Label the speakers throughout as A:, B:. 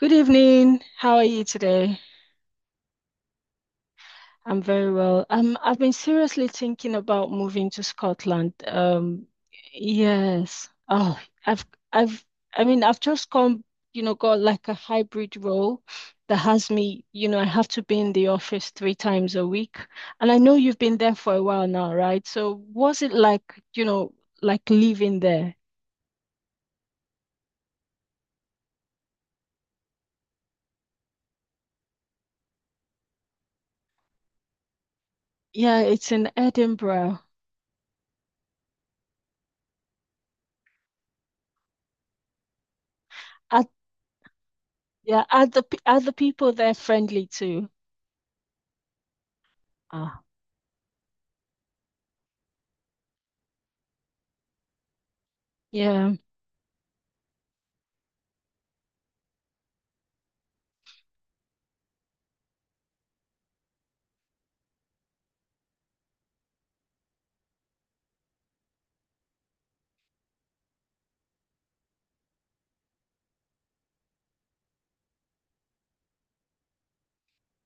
A: Good evening. How are you today? I'm very well. I've been seriously thinking about moving to Scotland. Yes. Oh, I've, I've, I mean, I've just come, you know, got like a hybrid role that has me. I have to be in the office three times a week. And I know you've been there for a while now, right? So was it like like living there? Yeah, it's in Edinburgh. Are, yeah, are the people there friendly too? Ah. Yeah.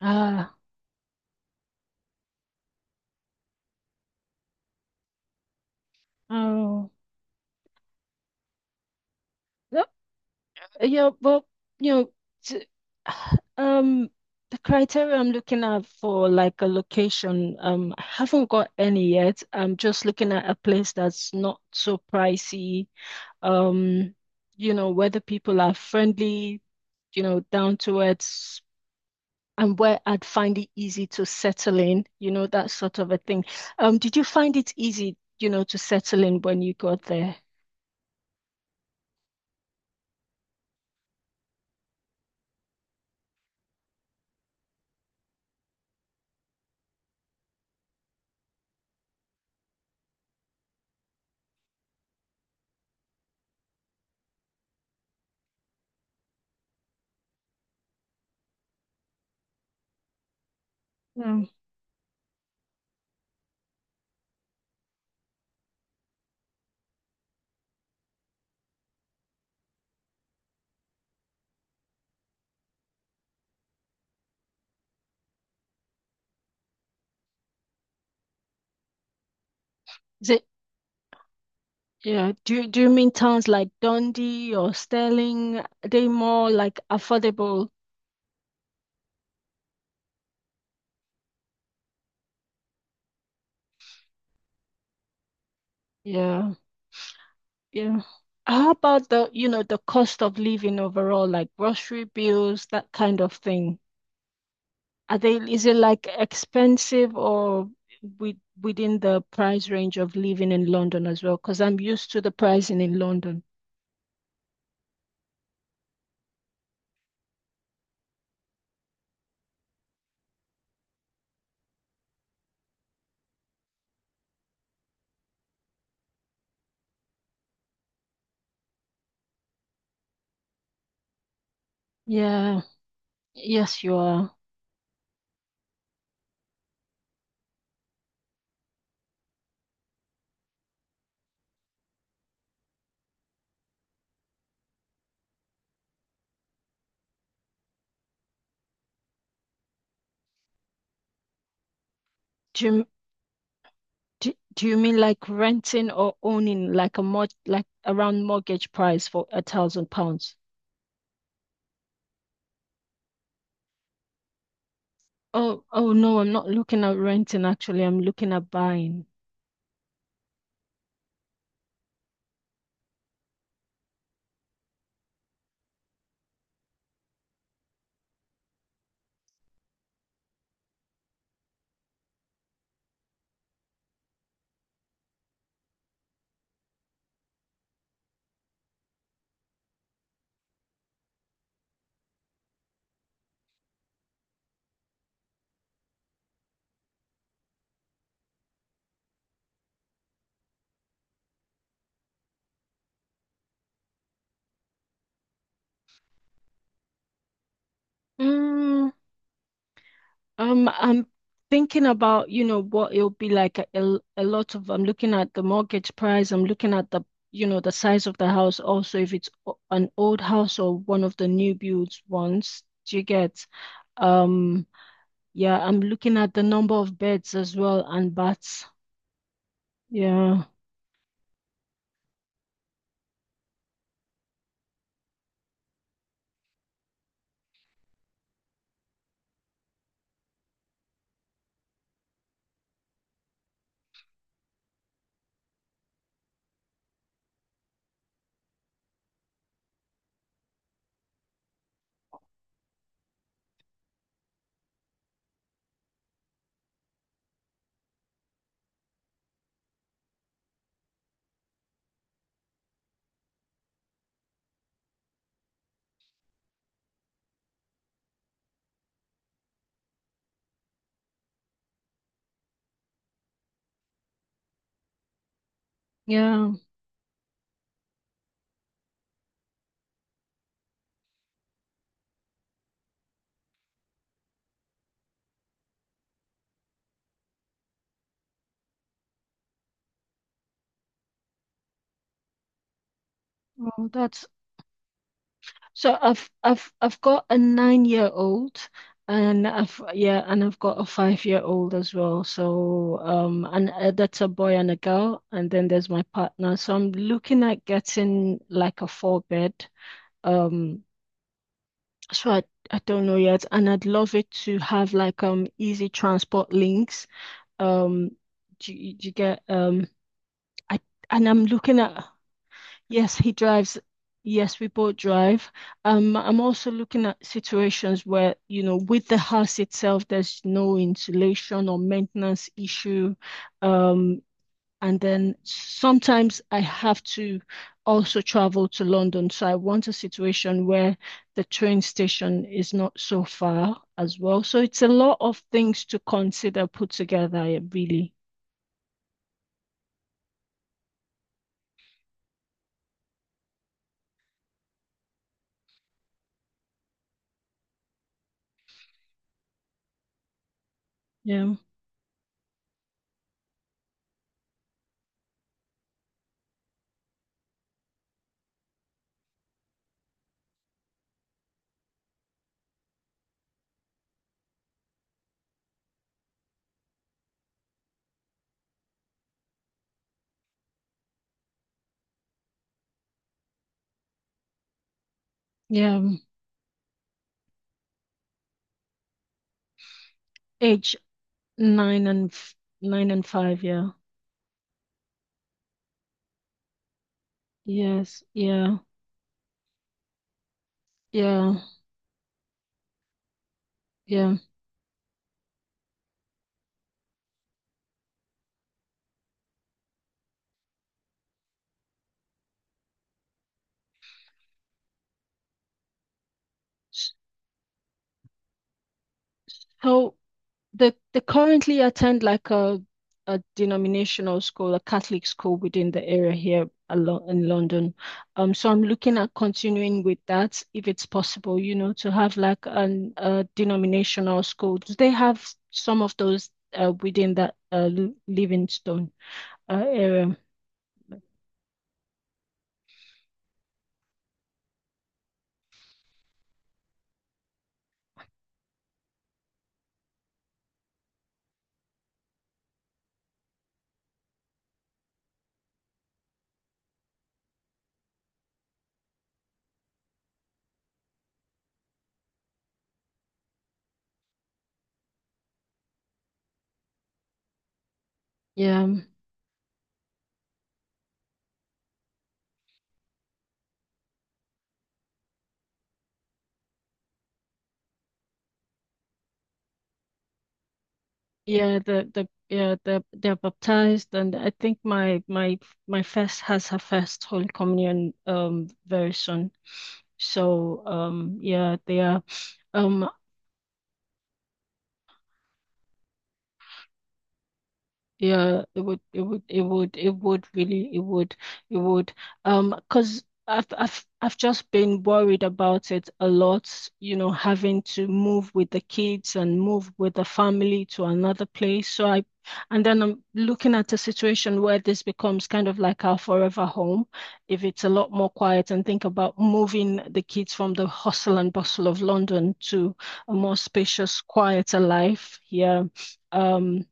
A: Uh, oh, no, yeah, well, you know, t um, the criteria I'm looking at for like a location, I haven't got any yet. I'm just looking at a place that's not so pricey. Um, whether people are friendly, down to earth, and where I'd find it easy to settle in, that sort of a thing. Did you find it easy, to settle in when you got there? Um, Yeah, do you mean towns like Dundee or Stirling? They more like affordable. Yeah, yeah. How about the cost of living overall, like grocery bills, that kind of thing? Are is it like expensive or within the price range of living in London as well? Because I'm used to the pricing in London. Yeah, yes, you are. Do you, do you mean like renting or owning like a mod like around mortgage price for £1,000? Oh no, I'm not looking at renting actually. I'm looking at buying. Mm, I'm thinking about, what it'll be like. I'm looking at the mortgage price. I'm looking at the size of the house. Also, if it's an old house or one of the new builds ones, do you get? Um, yeah, I'm looking at the number of beds as well and baths. Yeah. Yeah, well, that's so I've got a 9 year old, and I've got a 5 year old as well. So and that's a boy and a girl, and then there's my partner. So I'm looking at getting like a four bed. Um so I I don't know yet, and I'd love it to have like easy transport links. Um do you get I I'm looking at Yes, he drives. Yes, we both drive. I'm also looking at situations where, you know, with the house itself, there's no insulation or maintenance issue. Um, and then sometimes I have to also travel to London. So I want a situation where the train station is not so far as well. So it's a lot of things to consider put together, yeah, really. Yeah. Yeah. Age nine and f- nine and five, yeah. Yes, yeah, yeah, yeah. So they currently attend like a denominational school, a Catholic school within the area here along in London. So I'm looking at continuing with that if it's possible, you know, to have like an a denominational school. Do they have some of those within that Livingstone area? Yeah. They're baptized, and I think my first has her first Holy Communion very soon. Yeah they are. Um Yeah, it would, it would, it would, it would really, it would, it would. 'Cause I've just been worried about it a lot, you know, having to move with the kids and move with the family to another place. And then I'm looking at a situation where this becomes kind of like our forever home, if it's a lot more quiet, and think about moving the kids from the hustle and bustle of London to a more spacious, quieter life here. Um,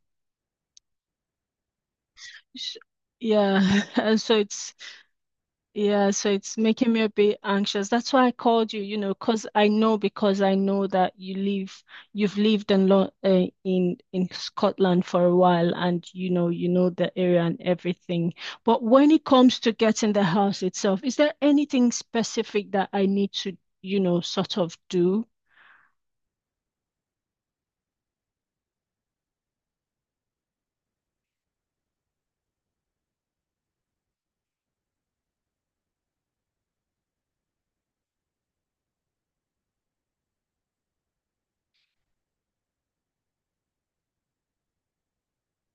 A: Sh- Yeah, and so it's making me a bit anxious. That's why I called you, you know, because I know that you've lived in Lo in Scotland for a while, and you know the area and everything. But when it comes to getting the house itself, is there anything specific that I need to, you know, sort of do?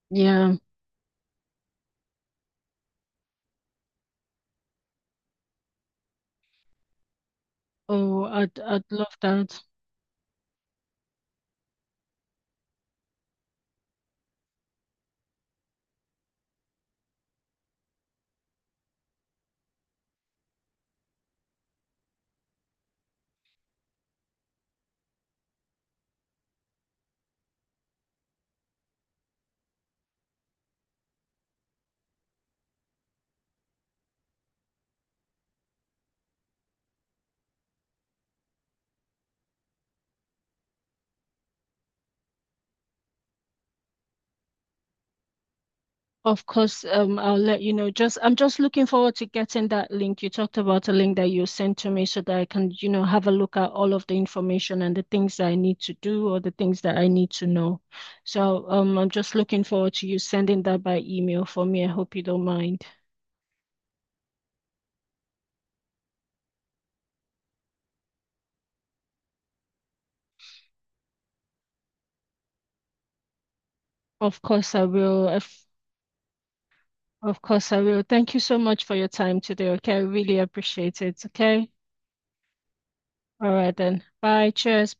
A: Yeah. Oh, I'd love that. Of course, I'll let you know. Just I'm just looking forward to getting that link. You talked about a link that you sent to me so that I can, you know, have a look at all of the information and the things that I need to do or the things that I need to know. So, I'm just looking forward to you sending that by email for me. I hope you don't mind. Of course, I will. Of, of course, I will. Thank you so much for your time today. Okay, I really appreciate it. Okay. All right then. Bye. Cheers.